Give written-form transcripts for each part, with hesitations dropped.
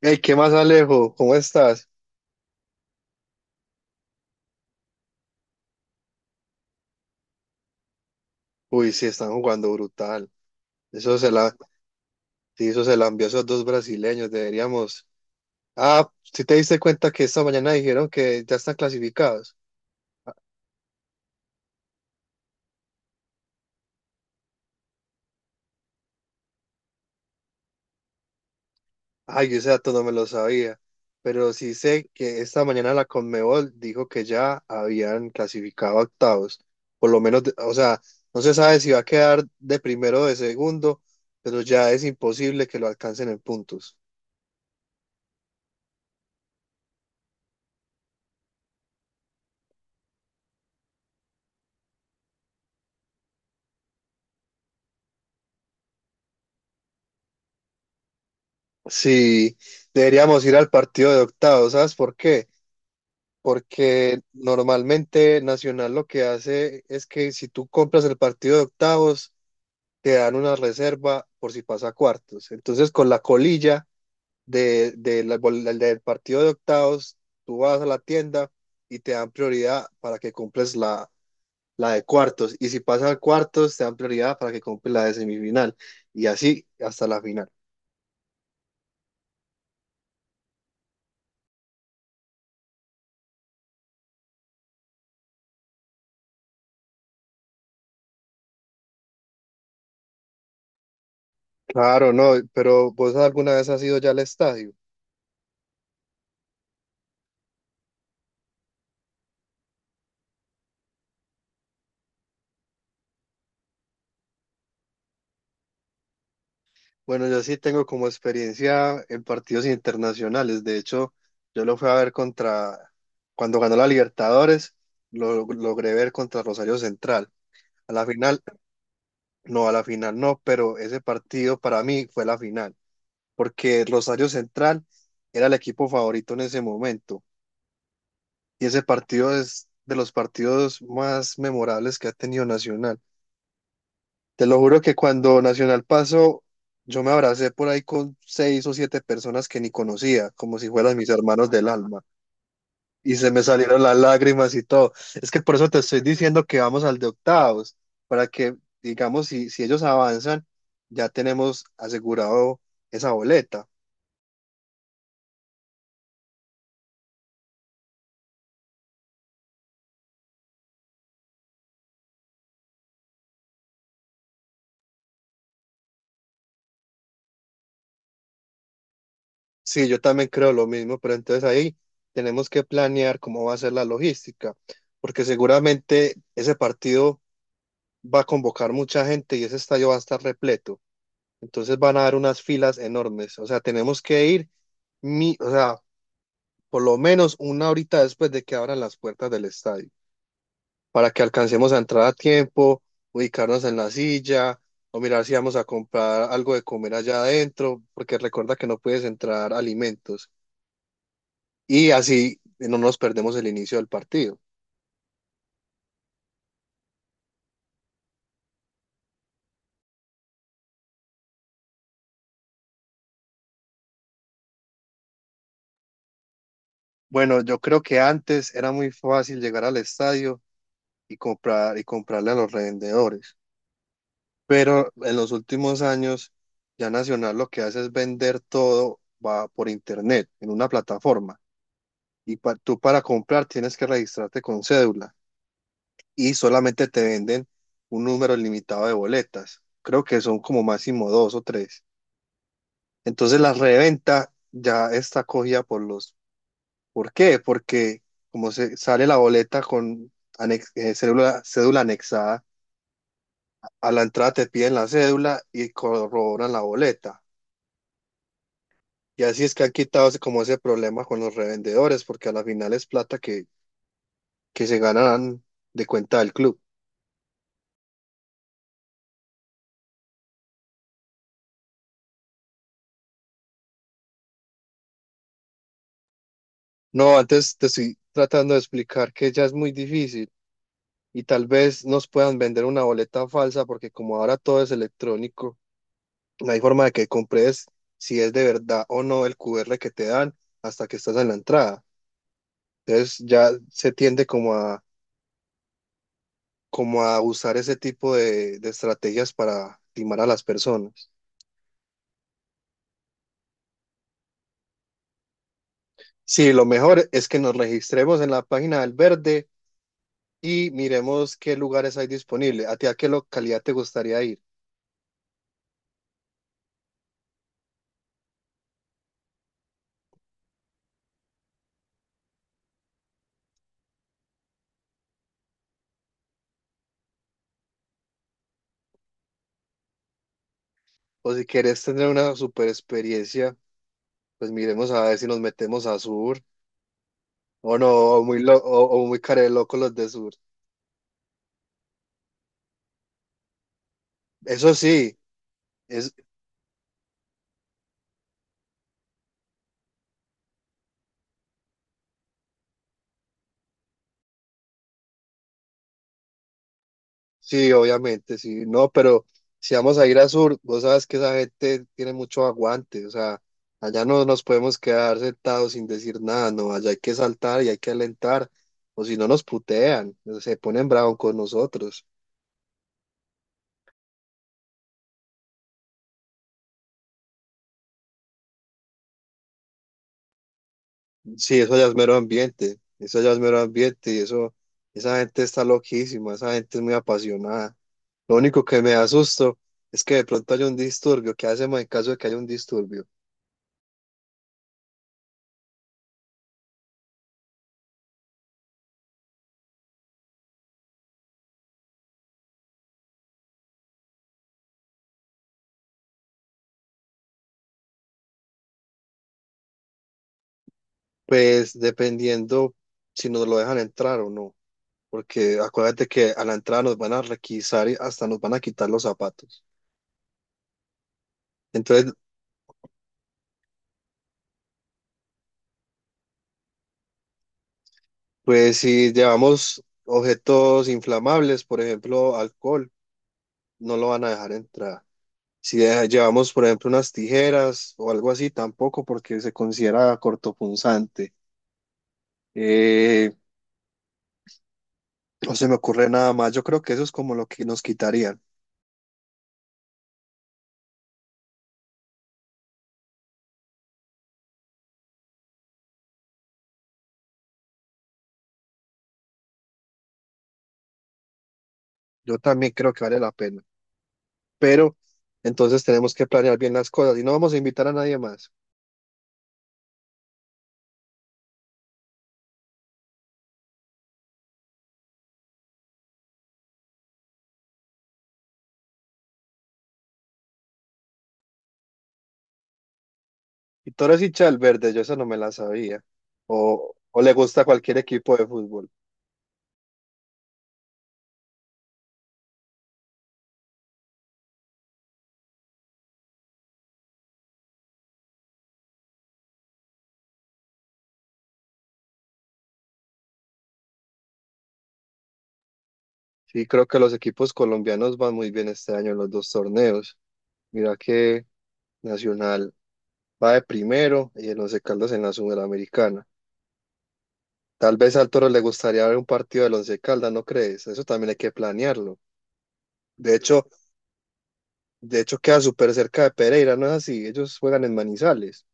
Hey, ¿qué más, Alejo? ¿Cómo estás? Uy, sí, están jugando brutal. Eso se la, sí, eso se la envió a esos dos brasileños. Deberíamos. Ah, ¿si te diste cuenta que esta mañana dijeron que ya están clasificados? Ay, yo ese dato no me lo sabía. Pero sí sé que esta mañana la Conmebol dijo que ya habían clasificado a octavos. Por lo menos, o sea, no se sabe si va a quedar de primero o de segundo, pero ya es imposible que lo alcancen en puntos. Sí, deberíamos ir al partido de octavos, ¿sabes por qué? Porque normalmente Nacional lo que hace es que si tú compras el partido de octavos, te dan una reserva por si pasa a cuartos. Entonces, con la colilla de la- del del partido de octavos, tú vas a la tienda y te dan prioridad para que compres la, la de cuartos. Y si pasa a cuartos, te dan prioridad para que compres la de semifinal. Y así hasta la final. Claro, no, pero ¿vos alguna vez has ido ya al estadio? Bueno, yo sí tengo como experiencia en partidos internacionales. De hecho, yo lo fui a ver contra, cuando ganó la Libertadores, lo logré ver contra Rosario Central. A la final, no, a la final no, pero ese partido para mí fue la final, porque Rosario Central era el equipo favorito en ese momento. Y ese partido es de los partidos más memorables que ha tenido Nacional. Te lo juro que cuando Nacional pasó, yo me abracé por ahí con seis o siete personas que ni conocía, como si fueran mis hermanos del alma. Y se me salieron las lágrimas y todo. Es que por eso te estoy diciendo que vamos al de octavos, para que, digamos, si, si ellos avanzan, ya tenemos asegurado esa boleta. Sí, yo también creo lo mismo, pero entonces ahí tenemos que planear cómo va a ser la logística, porque seguramente ese partido va a convocar mucha gente y ese estadio va a estar repleto. Entonces van a dar unas filas enormes. O sea, tenemos que ir, o sea, por lo menos una horita después de que abran las puertas del estadio, para que alcancemos a entrar a tiempo, ubicarnos en la silla, o mirar si vamos a comprar algo de comer allá adentro, porque recuerda que no puedes entrar alimentos. Y así no nos perdemos el inicio del partido. Bueno, yo creo que antes era muy fácil llegar al estadio y comprar y comprarle a los revendedores. Pero en los últimos años, ya Nacional lo que hace es vender todo va por internet, en una plataforma. Y tú para comprar tienes que registrarte con cédula y solamente te venden un número limitado de boletas. Creo que son como máximo dos o tres. Entonces la reventa ya está cogida por los... ¿Por qué? Porque como se sale la boleta con cédula anexada, a la entrada te piden la cédula y corroboran la boleta. Y así es que han quitado como ese problema con los revendedores, porque a la final es plata que se ganan de cuenta del club. No, antes te estoy tratando de explicar que ya es muy difícil y tal vez nos puedan vender una boleta falsa, porque como ahora todo es electrónico, no hay forma de que compres si es de verdad o no el QR que te dan hasta que estás en la entrada. Entonces ya se tiende como a, como a usar ese tipo de estrategias para timar a las personas. Sí, lo mejor es que nos registremos en la página del Verde y miremos qué lugares hay disponibles. ¿A ti a qué localidad te gustaría ir? O si quieres tener una super experiencia, pues miremos a ver si nos metemos a Sur o no, o muy care de loco los de Sur. Eso sí, es, Sí, obviamente, sí, no, pero si vamos a ir a sur, vos sabes que esa gente tiene mucho aguante, o sea, allá no nos podemos quedar sentados sin decir nada, no, allá hay que saltar y hay que alentar, o si no nos putean, se ponen bravos con nosotros. Sí, eso ya es mero ambiente, eso ya es mero ambiente y eso, esa gente está loquísima, esa gente es muy apasionada. Lo único que me da susto es que de pronto haya un disturbio, ¿qué hacemos en caso de que haya un disturbio? Pues dependiendo si nos lo dejan entrar o no. Porque acuérdate que a la entrada nos van a requisar y hasta nos van a quitar los zapatos. Entonces, pues si llevamos objetos inflamables, por ejemplo, alcohol, no lo van a dejar entrar. Si llevamos, por ejemplo, unas tijeras o algo así, tampoco, porque se considera cortopunzante. Eh, no se me ocurre nada más. Yo creo que eso es como lo que nos quitarían. Yo también creo que vale la pena. Pero entonces tenemos que planear bien las cosas y no vamos a invitar a nadie más. ¿Y Toro es hincha del verde? Yo esa no me la sabía. O le gusta cualquier equipo de fútbol. Sí, creo que los equipos colombianos van muy bien este año en los dos torneos. Mira que Nacional va de primero y el Once Caldas en la Sudamericana. Tal vez al Toro le gustaría ver un partido del Once Caldas, ¿no crees? Eso también hay que planearlo. De hecho, de hecho queda súper cerca de Pereira, ¿no es así? Ellos juegan en Manizales.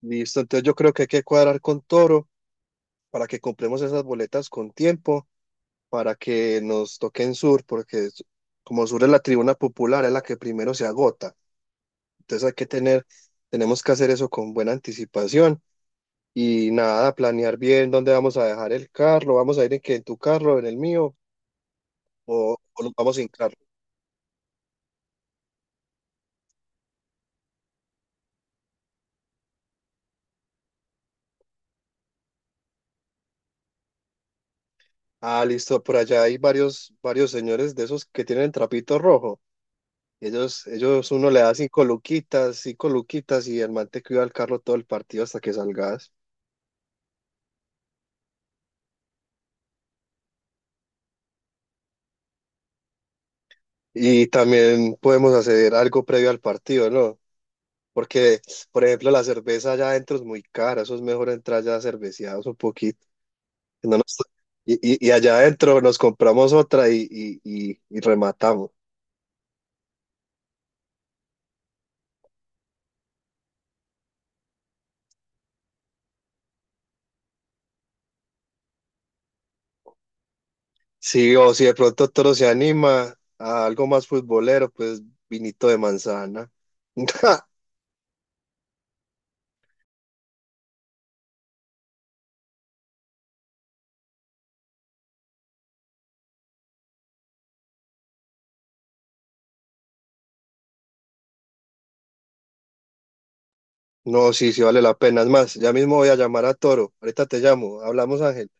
Listo, entonces yo creo que hay que cuadrar con Toro para que compremos esas boletas con tiempo para que nos toquen Sur, porque como Sur es la tribuna popular, es la que primero se agota. Entonces hay que tener, tenemos que hacer eso con buena anticipación y nada, planear bien dónde vamos a dejar el carro, vamos a ir en, qué, en tu carro, en el mío, o nos vamos sin carro. Ah, listo, por allá hay varios, varios señores de esos que tienen trapito rojo. Ellos uno le da cinco luquitas y el man te cuida el carro todo el partido hasta que salgas. Y también podemos hacer algo previo al partido, ¿no? Porque, por ejemplo, la cerveza allá adentro es muy cara, eso es mejor entrar ya cerveceados un poquito. Que no nos- y allá adentro nos compramos otra y rematamos. Sí, o si de pronto Toro se anima a algo más futbolero, pues vinito de manzana. No, sí, sí vale la pena. Es más, ya mismo voy a llamar a Toro. Ahorita te llamo. Hablamos, Ángel.